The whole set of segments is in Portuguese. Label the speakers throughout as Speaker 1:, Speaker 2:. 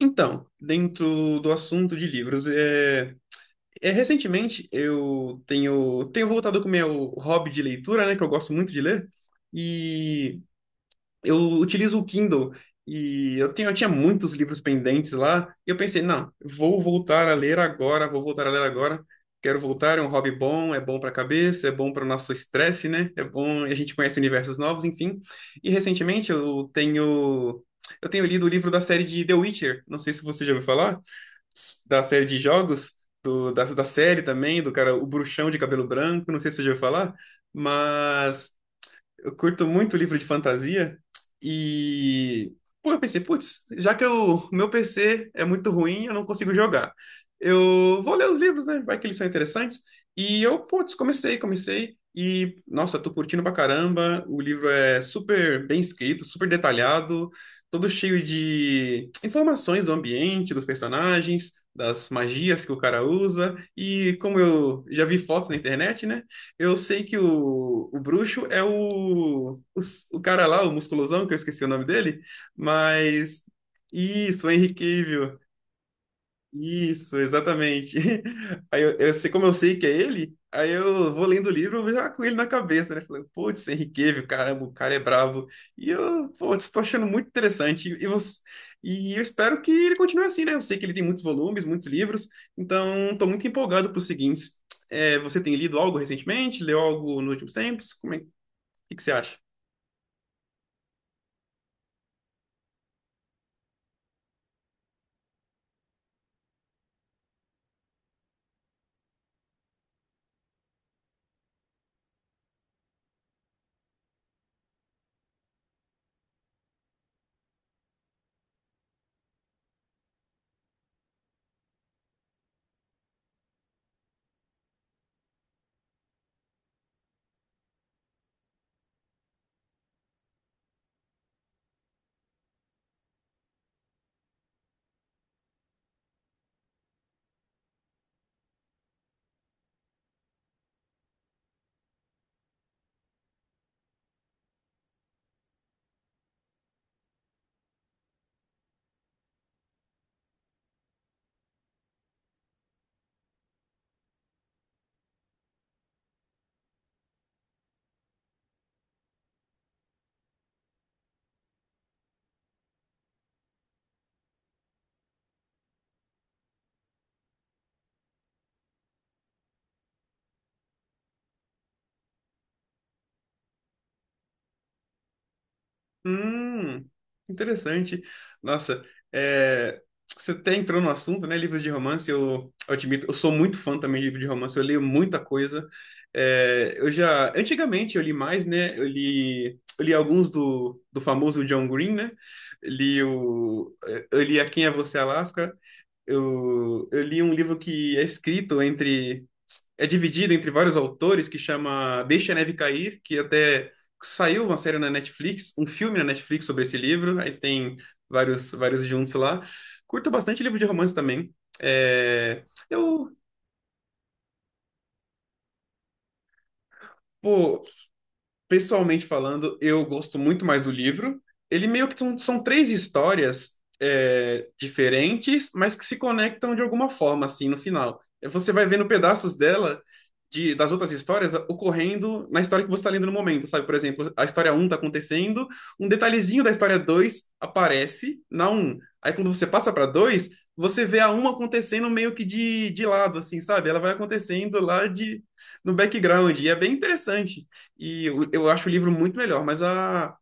Speaker 1: Então, dentro do assunto de livros, recentemente eu tenho voltado com o meu hobby de leitura, né, que eu gosto muito de ler, e eu utilizo o Kindle e eu tinha muitos livros pendentes lá, e eu pensei, não, vou voltar a ler agora, vou voltar a ler agora. Quero voltar, é um hobby bom, é bom para a cabeça, é bom para o nosso estresse, né? É bom, a gente conhece universos novos, enfim. E recentemente eu tenho lido o livro da série de The Witcher, não sei se você já ouviu falar, da série de jogos, da série também, do cara, o bruxão de cabelo branco, não sei se você já ouviu falar, mas eu curto muito livro de fantasia e pô, eu pensei, putz, já que o meu PC é muito ruim, eu não consigo jogar. Eu vou ler os livros, né? Vai que eles são interessantes. E eu, putz, comecei e nossa, tô curtindo pra caramba. O livro é super bem escrito, super detalhado, todo cheio de informações do ambiente, dos personagens, das magias que o cara usa. E como eu já vi fotos na internet, né? Eu sei que o bruxo é o, o cara lá, o musculosão, que eu esqueci o nome dele, mas. Isso, o Henry Cavill. Isso, exatamente. Aí eu sei como eu sei que é ele, aí eu vou lendo o livro já com ele na cabeça, né? Falando, putz, Henrique Cavill, caramba, o cara é brabo. E eu, pô, estou achando muito interessante. E, você, e eu espero que ele continue assim, né? Eu sei que ele tem muitos volumes, muitos livros, então estou muito empolgado para os seguintes. É, você tem lido algo recentemente? Leu algo nos últimos tempos? Como é, o que você acha? Hum, interessante. Nossa, é, você até entrou no assunto, né? Livros de romance, eu admito, eu sou muito fã também de livro de romance, eu leio muita coisa. É, eu já, antigamente eu li mais, né? Eu li alguns do famoso John Green, né? Li o, eu li A Quem é Você, Alaska. Eu li um livro que é escrito entre é dividida entre vários autores que chama Deixe a Neve Cair, que até saiu uma série na Netflix, um filme na Netflix sobre esse livro, aí tem vários juntos lá. Curto bastante livro de romance também. É, eu, pô, pessoalmente falando, eu gosto muito mais do livro. Ele meio que são, são três histórias é, diferentes, mas que se conectam de alguma forma, assim, no final. Você vai vendo pedaços dela, das outras histórias, ocorrendo na história que você está lendo no momento, sabe? Por exemplo, a história um está acontecendo, um detalhezinho da história 2 aparece na um. Aí quando você passa para 2 você vê a um acontecendo meio que de lado, assim, sabe? Ela vai acontecendo lá de, no background, e é bem interessante. E eu acho o livro muito melhor, mas a,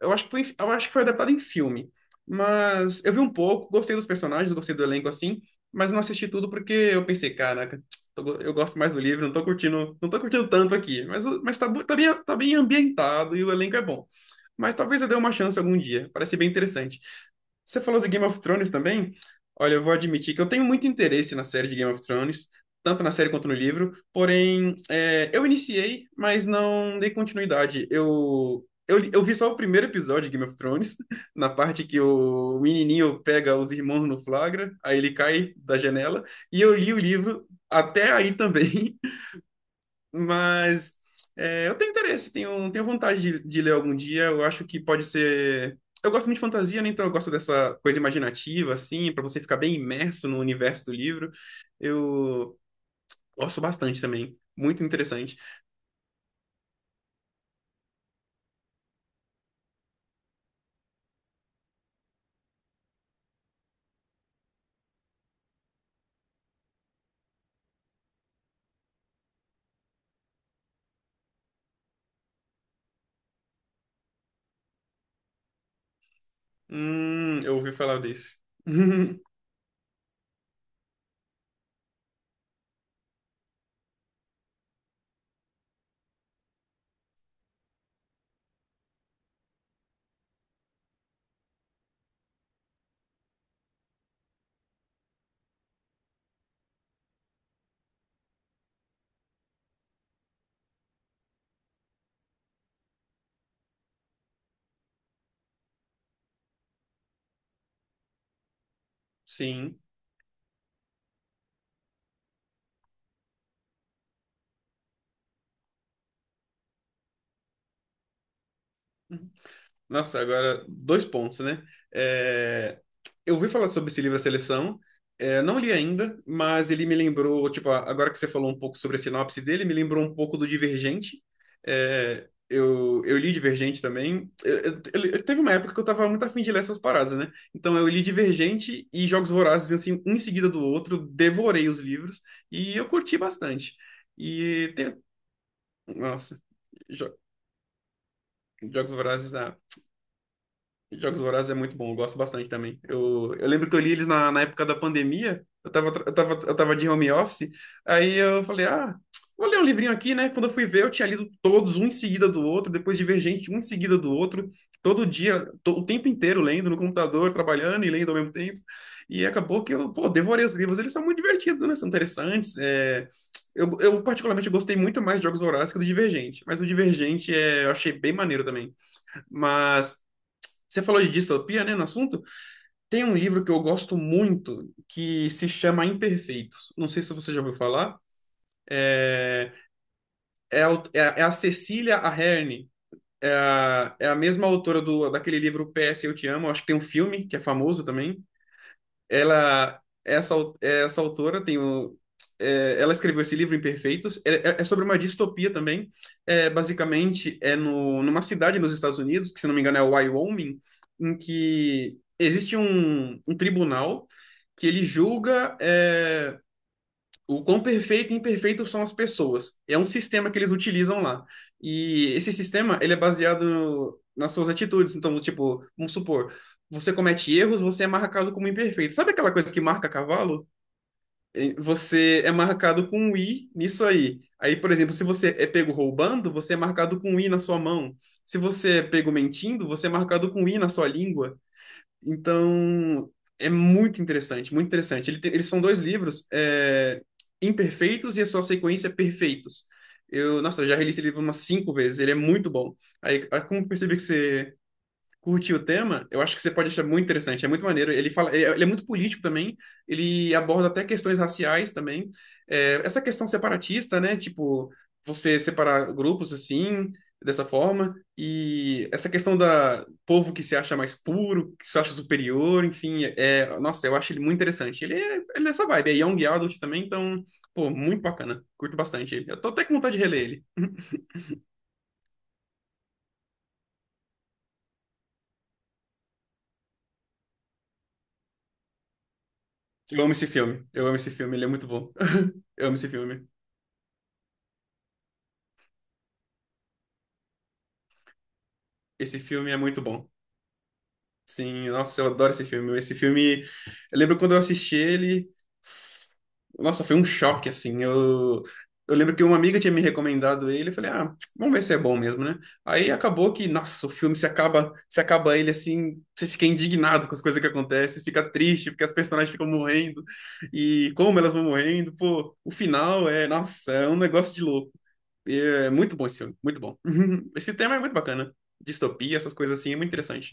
Speaker 1: eu acho que foi, eu acho que foi adaptado em filme. Mas eu vi um pouco, gostei dos personagens, gostei do elenco assim, mas não assisti tudo porque eu pensei, caraca, eu gosto mais do livro, não tô curtindo, não tô curtindo tanto aqui. Mas, mas tá, tá bem ambientado e o elenco é bom. Mas talvez eu dê uma chance algum dia, parece bem interessante. Você falou do Game of Thrones também? Olha, eu vou admitir que eu tenho muito interesse na série de Game of Thrones, tanto na série quanto no livro, porém, é, eu iniciei, mas não dei continuidade. Eu vi só o primeiro episódio de Game of Thrones, na parte que o menininho pega os irmãos no flagra, aí ele cai da janela, e eu li o livro até aí também, mas é, eu tenho interesse, tenho vontade de ler algum dia. Eu acho que pode ser. Eu gosto muito de fantasia, né? Então eu gosto dessa coisa imaginativa, assim, para você ficar bem imerso no universo do livro. Eu gosto bastante também. Muito interessante. Eu ouvi falar desse. Sim. Nossa, agora dois pontos, né? É, eu ouvi falar sobre esse livro A Seleção, é, não li ainda, mas ele me lembrou, tipo, a- agora que você falou um pouco sobre a sinopse dele, me lembrou um pouco do Divergente. É, eu li Divergente também. Teve uma época que eu tava muito afim de ler essas paradas, né? Então eu li Divergente e Jogos Vorazes, assim, um em seguida do outro, devorei os livros e eu curti bastante. E tem. Nossa, Jo- Jogos Vorazes, ah, Jogos Vorazes é muito bom, eu gosto bastante também. Eu lembro que eu li eles na época da pandemia, eu tava, eu tava, eu tava de home office, aí eu falei, ah, vou ler um livrinho aqui, né? Quando eu fui ver, eu tinha lido todos, um em seguida do outro, depois Divergente, um em seguida do outro, todo dia, o tempo inteiro lendo no computador, trabalhando e lendo ao mesmo tempo. E acabou que eu, pô, devorei os livros, eles são muito divertidos, né? São interessantes, é... eu particularmente gostei muito mais de Jogos Vorazes que do Divergente, mas o Divergente é, eu achei bem maneiro também. Mas você falou de distopia, né, no assunto? Tem um livro que eu gosto muito que se chama Imperfeitos. Não sei se você já ouviu falar. É a, É a Cecília Ahern. É a, é a mesma autora do, daquele livro PS Eu Te Amo. Acho que tem um filme que é famoso também. Essa autora tem o é, ela escreveu esse livro Imperfeitos. É sobre uma distopia também. É, basicamente, é no, numa cidade nos Estados Unidos, que se não me engano é Wyoming, em que existe um tribunal que ele julga. É, o quão perfeito e imperfeito são as pessoas. É um sistema que eles utilizam lá. E esse sistema, ele é baseado nas suas atitudes. Então, tipo, vamos supor, você comete erros, você é marcado como imperfeito. Sabe aquela coisa que marca cavalo? Você é marcado com um i nisso aí. Aí, por exemplo, se você é pego roubando, você é marcado com um i na sua mão. Se você é pego mentindo, você é marcado com um i na sua língua. Então, é muito interessante, muito interessante. Eles são dois livros, é, Imperfeitos e a sua sequência é Perfeitos. Eu, nossa, eu já reli esse livro umas cinco vezes, ele é muito bom. Aí como eu percebi que você curte o tema, eu acho que você pode achar muito interessante, é muito maneiro. Ele fala, ele é muito político também, ele aborda até questões raciais também. É, essa questão separatista, né? Tipo, você separar grupos assim, dessa forma, e essa questão da povo que se acha mais puro, que se acha superior, enfim, é, nossa, eu acho ele muito interessante. Ele é nessa vibe, é young adult também, então, pô, muito bacana. Curto bastante ele. Eu tô até com vontade de reler ele. Eu amo esse filme. Eu amo esse filme, ele é muito bom. Eu amo esse filme. Esse filme é muito bom. Sim, nossa, eu adoro esse filme. Esse filme, eu lembro quando eu assisti ele, nossa, foi um choque, assim. Eu lembro que uma amiga tinha me recomendado ele. Eu falei, ah, vamos ver se é bom mesmo, né? Aí acabou que, nossa, o filme se acaba, se acaba ele assim, você fica indignado com as coisas que acontecem, fica triste, porque as personagens ficam morrendo e como elas vão morrendo. Pô, o final é, nossa, é um negócio de louco. E é muito bom esse filme, muito bom. Esse tema é muito bacana. Distopia, essas coisas assim, é muito interessante.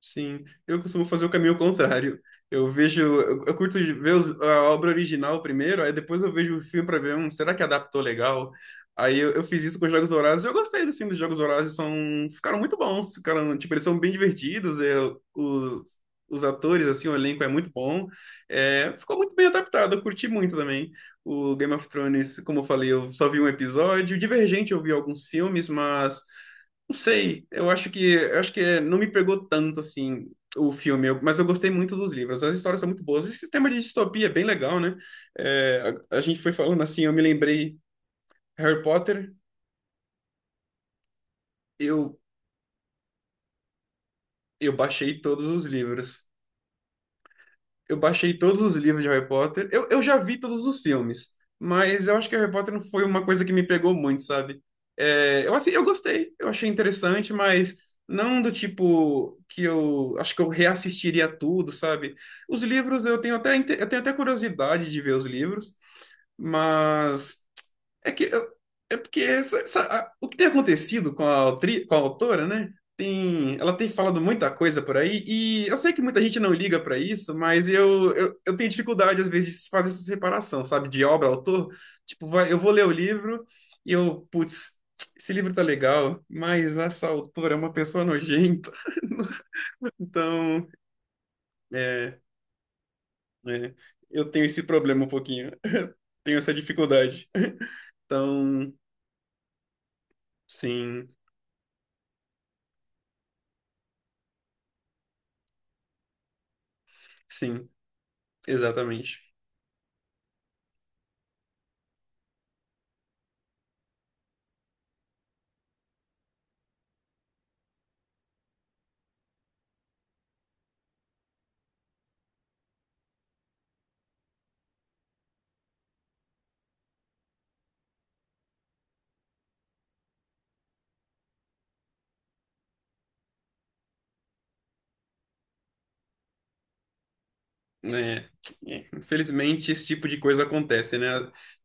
Speaker 1: Sim, eu costumo fazer o caminho contrário. Eu vejo, eu curto de ver a obra original primeiro, aí depois eu vejo o filme para ver, um será que adaptou legal? Aí eu fiz isso com os Jogos Vorazes. Eu gostei dos filmes dos Jogos Vorazes, são, ficaram muito bons, ficaram, tipo, eles são bem divertidos, é, os, os atores, assim, o elenco é muito bom. É, ficou muito bem adaptado, eu curti muito também. O Game of Thrones, como eu falei, eu só vi um episódio. Divergente, eu vi alguns filmes, mas não sei, eu acho que não me pegou tanto assim o filme, mas eu gostei muito dos livros. As histórias são muito boas. Esse sistema de distopia é bem legal, né? É, a gente foi falando assim, eu me lembrei Harry Potter, eu eu baixei todos os livros. Eu baixei todos os livros de Harry Potter. Eu já vi todos os filmes, mas eu acho que Harry Potter não foi uma coisa que me pegou muito, sabe? É, eu, assim, eu gostei, eu achei interessante, mas não do tipo que eu acho que eu reassistiria tudo, sabe? Os livros eu tenho até, eu tenho até curiosidade de ver os livros, mas é que eu- é porque o que tem acontecido com a, com a autora, né? Tem, ela tem falado muita coisa por aí, e eu sei que muita gente não liga para isso, mas eu tenho dificuldade, às vezes, de fazer essa separação, sabe? De obra, autor. Tipo, vai, eu vou ler o livro e eu, putz, esse livro tá legal, mas essa autora é uma pessoa nojenta. Então, é, é, eu tenho esse problema um pouquinho, tenho essa dificuldade. Então, sim, sim. Exatamente. Né? É. Infelizmente, esse tipo de coisa acontece, né?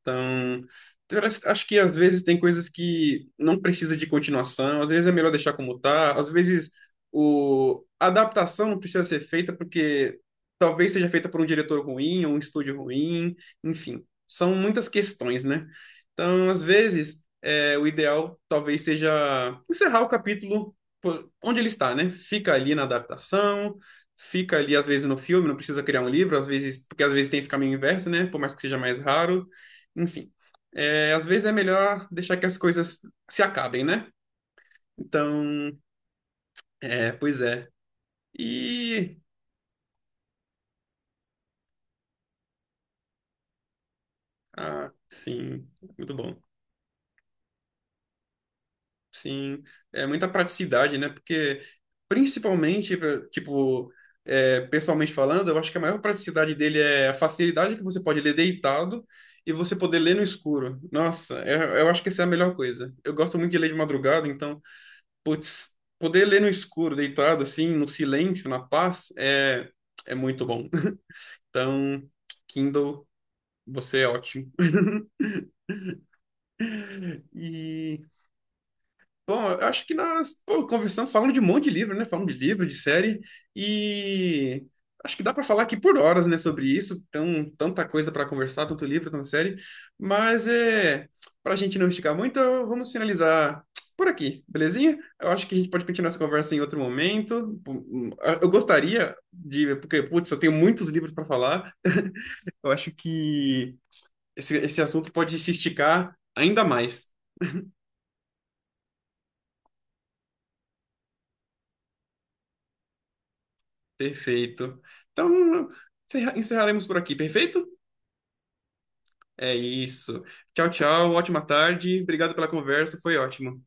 Speaker 1: Então, eu acho acho que às vezes tem coisas que não precisa de continuação, às vezes é melhor deixar como tá, às vezes o... a adaptação não precisa ser feita porque talvez seja feita por um diretor ruim ou um estúdio ruim, enfim, são muitas questões, né? Então, às vezes, é, o ideal talvez seja encerrar o capítulo onde ele está, né? Fica ali na adaptação fica ali às vezes no filme, não precisa criar um livro, às vezes, porque às vezes tem esse caminho inverso, né? Por mais que seja mais raro. Enfim, é, às vezes é melhor deixar que as coisas se acabem, né? Então, é, pois é. E, ah, sim, muito bom. Sim, é muita praticidade, né? Porque, principalmente, tipo, é, pessoalmente falando, eu acho que a maior praticidade dele é a facilidade que você pode ler deitado e você poder ler no escuro. Nossa, eu acho que essa é a melhor coisa. Eu gosto muito de ler de madrugada, então, putz, poder ler no escuro, deitado, assim, no silêncio, na paz, é, é muito bom. Então, Kindle, você é ótimo. E. Bom, eu acho que nós, pô, conversando, falando de um monte de livro, né? Falando de livro, de série, e acho que dá para falar aqui por horas, né, sobre isso. Tão, tanta coisa para conversar, tanto livro, tanta série. Mas é, para a gente não esticar muito, vamos finalizar por aqui, belezinha? Eu acho que a gente pode continuar essa conversa em outro momento. Eu gostaria de, porque, putz, eu tenho muitos livros para falar. Eu acho que esse assunto pode se esticar ainda mais. Perfeito. Então, encerraremos por aqui, perfeito? É isso. Tchau, tchau. Ótima tarde. Obrigado pela conversa. Foi ótimo.